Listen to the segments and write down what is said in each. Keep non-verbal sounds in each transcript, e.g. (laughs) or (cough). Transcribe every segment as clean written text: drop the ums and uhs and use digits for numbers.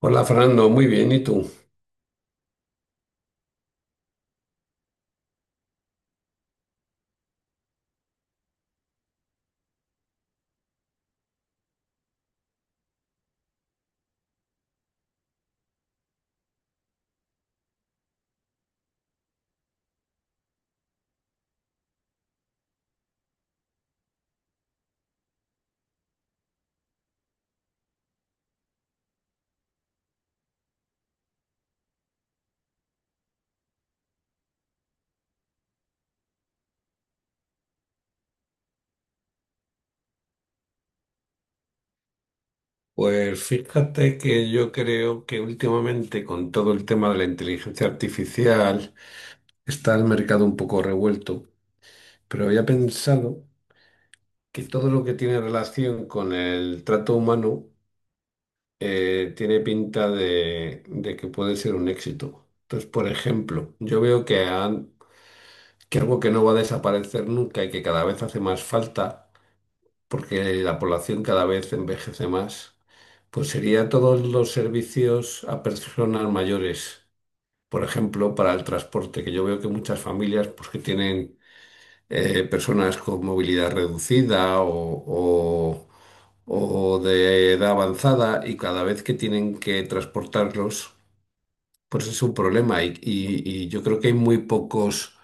Hola Fernando, muy bien, ¿y tú? Pues fíjate que yo creo que últimamente con todo el tema de la inteligencia artificial está el mercado un poco revuelto, pero había pensado que todo lo que tiene relación con el trato humano tiene pinta de que puede ser un éxito. Entonces, por ejemplo, yo veo que, que algo que no va a desaparecer nunca y que cada vez hace más falta, porque la población cada vez envejece más, pues sería todos los servicios a personas mayores. Por ejemplo, para el transporte, que yo veo que muchas familias pues, que tienen personas con movilidad reducida o de edad avanzada y cada vez que tienen que transportarlos, pues es un problema. Y yo creo que hay muy pocos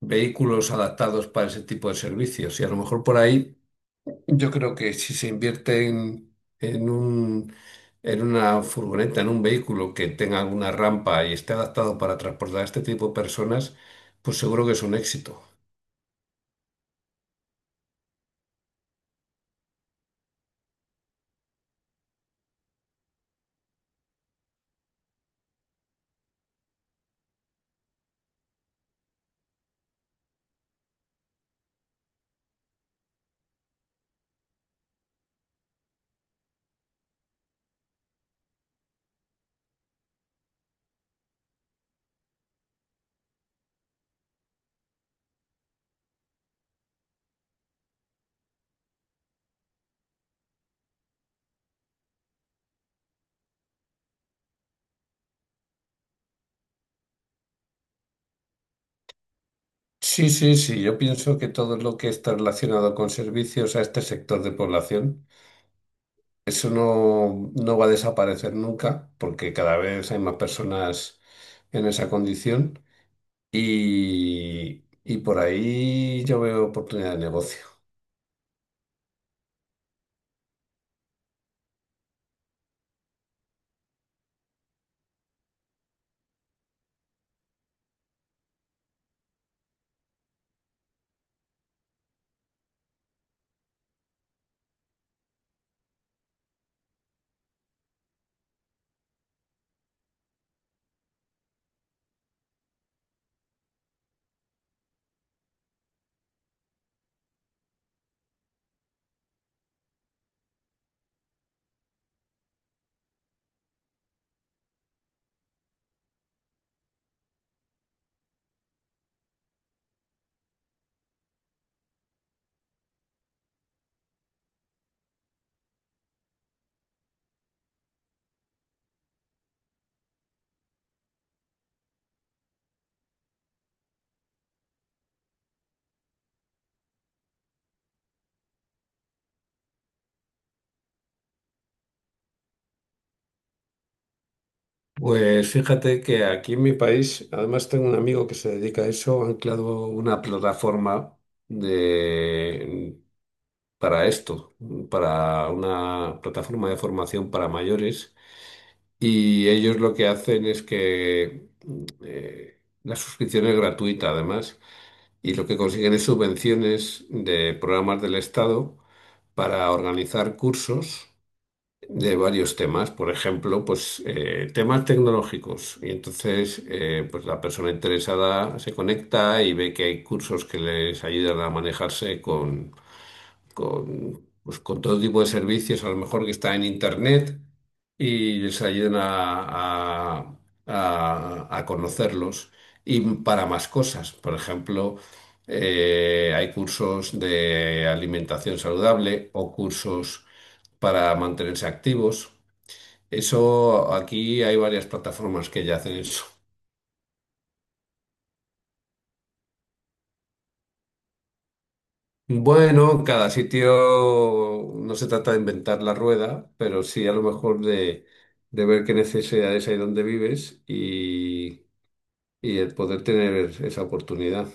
vehículos adaptados para ese tipo de servicios. Y a lo mejor por ahí. Yo creo que si se invierte en, en un, en una furgoneta, en un vehículo que tenga alguna rampa y esté adaptado para transportar a este tipo de personas, pues seguro que es un éxito. Sí, sí, sí, yo pienso que todo lo que está relacionado con servicios a este sector de población, eso no, no va a desaparecer nunca, porque cada vez hay más personas en esa condición y por ahí yo veo oportunidad de negocio. Pues fíjate que aquí en mi país, además tengo un amigo que se dedica a eso, han creado una plataforma de, para esto, para una plataforma de formación para mayores. Y ellos lo que hacen es que la suscripción es gratuita además, y lo que consiguen es subvenciones de programas del Estado para organizar cursos de varios temas, por ejemplo, pues temas tecnológicos. Y entonces, pues la persona interesada se conecta y ve que hay cursos que les ayudan a manejarse con, pues, con todo tipo de servicios, a lo mejor que está en internet, y les ayuden a- a conocerlos. Y para más cosas, por ejemplo, hay cursos de alimentación saludable o cursos para mantenerse activos. Eso aquí hay varias plataformas que ya hacen eso. Bueno, cada sitio no se trata de inventar la rueda, pero sí a lo mejor de, ver qué necesidades hay donde vives y el poder tener esa oportunidad.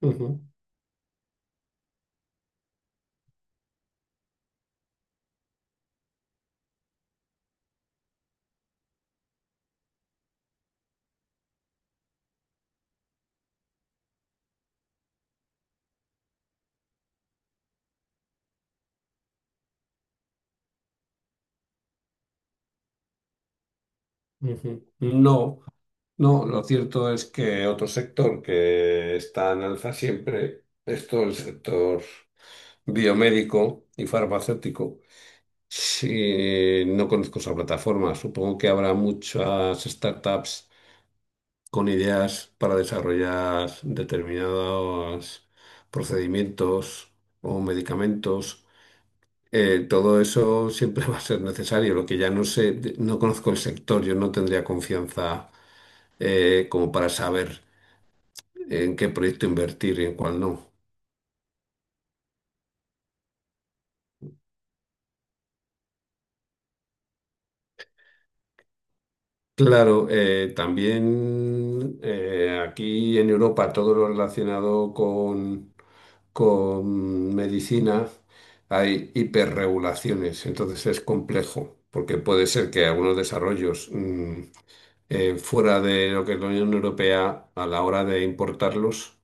Ujú, ujú. No, no, lo cierto es que otro sector que está en alza siempre es todo el sector biomédico y farmacéutico. Sí, no conozco esa plataforma. Supongo que habrá muchas startups con ideas para desarrollar determinados procedimientos o medicamentos. Todo eso siempre (laughs) va a ser necesario. Lo que ya no sé, no conozco el sector, yo no tendría confianza como para saber en qué proyecto invertir y en cuál no. Claro, también aquí en Europa todo lo relacionado con medicina hay hiperregulaciones, entonces es complejo, porque puede ser que algunos desarrollos fuera de lo que es la Unión Europea, a la hora de importarlos,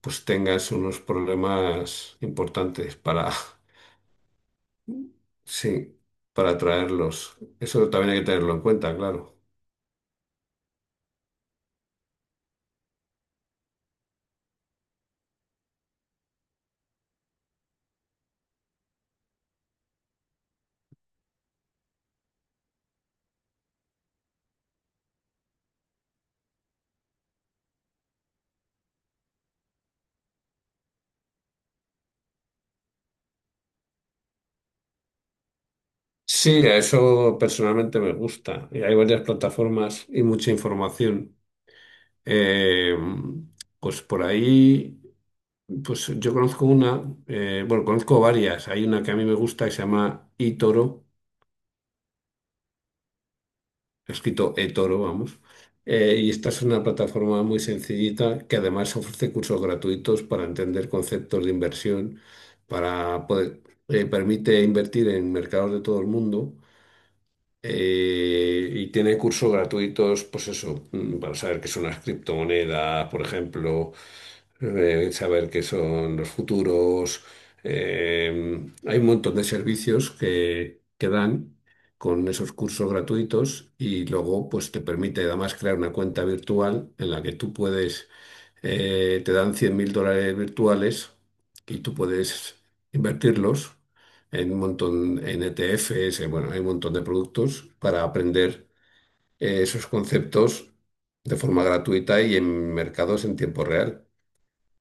pues tengas unos problemas importantes para, (laughs) sí, para traerlos. Eso también hay que tenerlo en cuenta, claro. Sí, a eso personalmente me gusta. Y hay varias plataformas y mucha información. Eh, pues por ahí. Pues yo conozco una, bueno, conozco varias. Hay una que a mí me gusta que se llama eToro, escrito eToro, vamos. Y esta es una plataforma muy sencillita que además ofrece cursos gratuitos para entender conceptos de inversión, para poder, permite invertir en mercados de todo el mundo. Y tiene cursos gratuitos, pues eso, para saber qué son las criptomonedas, por ejemplo, saber qué son los futuros. Hay un montón de servicios que dan con esos cursos gratuitos y luego pues te permite además crear una cuenta virtual en la que tú puedes, te dan $100.000 virtuales y tú puedes invertirlos en un montón, en ETFs, bueno, hay un montón de productos para aprender esos conceptos de forma gratuita y en mercados en tiempo real.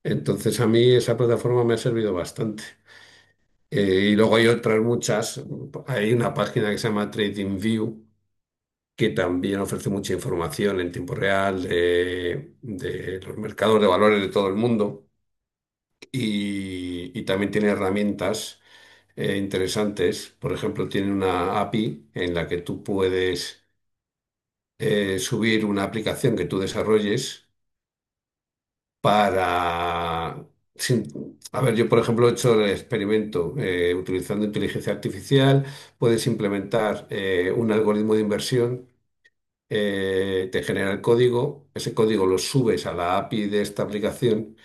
Entonces a mí esa plataforma me ha servido bastante. Y luego hay otras muchas. Hay una página que se llama TradingView que también ofrece mucha información en tiempo real de los mercados de valores de todo el mundo y también tiene herramientas interesantes. Por ejemplo, tiene una API en la que tú puedes subir una aplicación que tú desarrolles para, a ver, yo por ejemplo he hecho el experimento utilizando inteligencia artificial, puedes implementar un algoritmo de inversión, te genera el código, ese código lo subes a la API de esta aplicación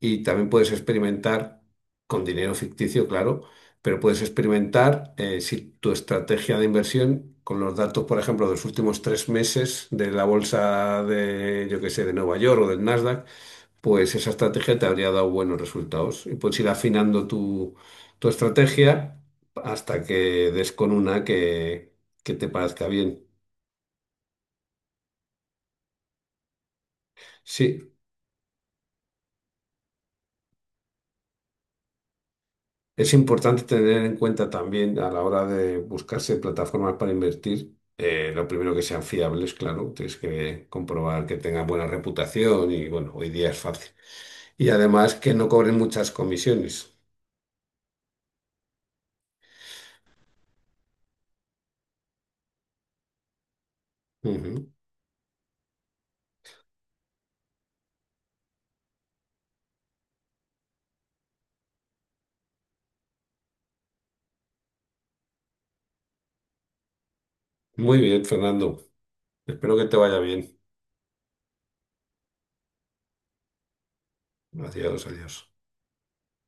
y también puedes experimentar con dinero ficticio, claro, pero puedes experimentar si tu estrategia de inversión con los datos, por ejemplo, de los últimos 3 meses de la bolsa de, yo qué sé, de Nueva York o del Nasdaq, pues esa estrategia te habría dado buenos resultados y puedes ir afinando tu, estrategia hasta que des con una que te parezca bien. Sí, es importante tener en cuenta también a la hora de buscarse plataformas para invertir, lo primero que sean fiables, claro, tienes que comprobar que tengan buena reputación y bueno, hoy día es fácil. Y además que no cobren muchas comisiones. Ujú. Muy bien, Fernando. Espero que te vaya bien. Adiós, adiós.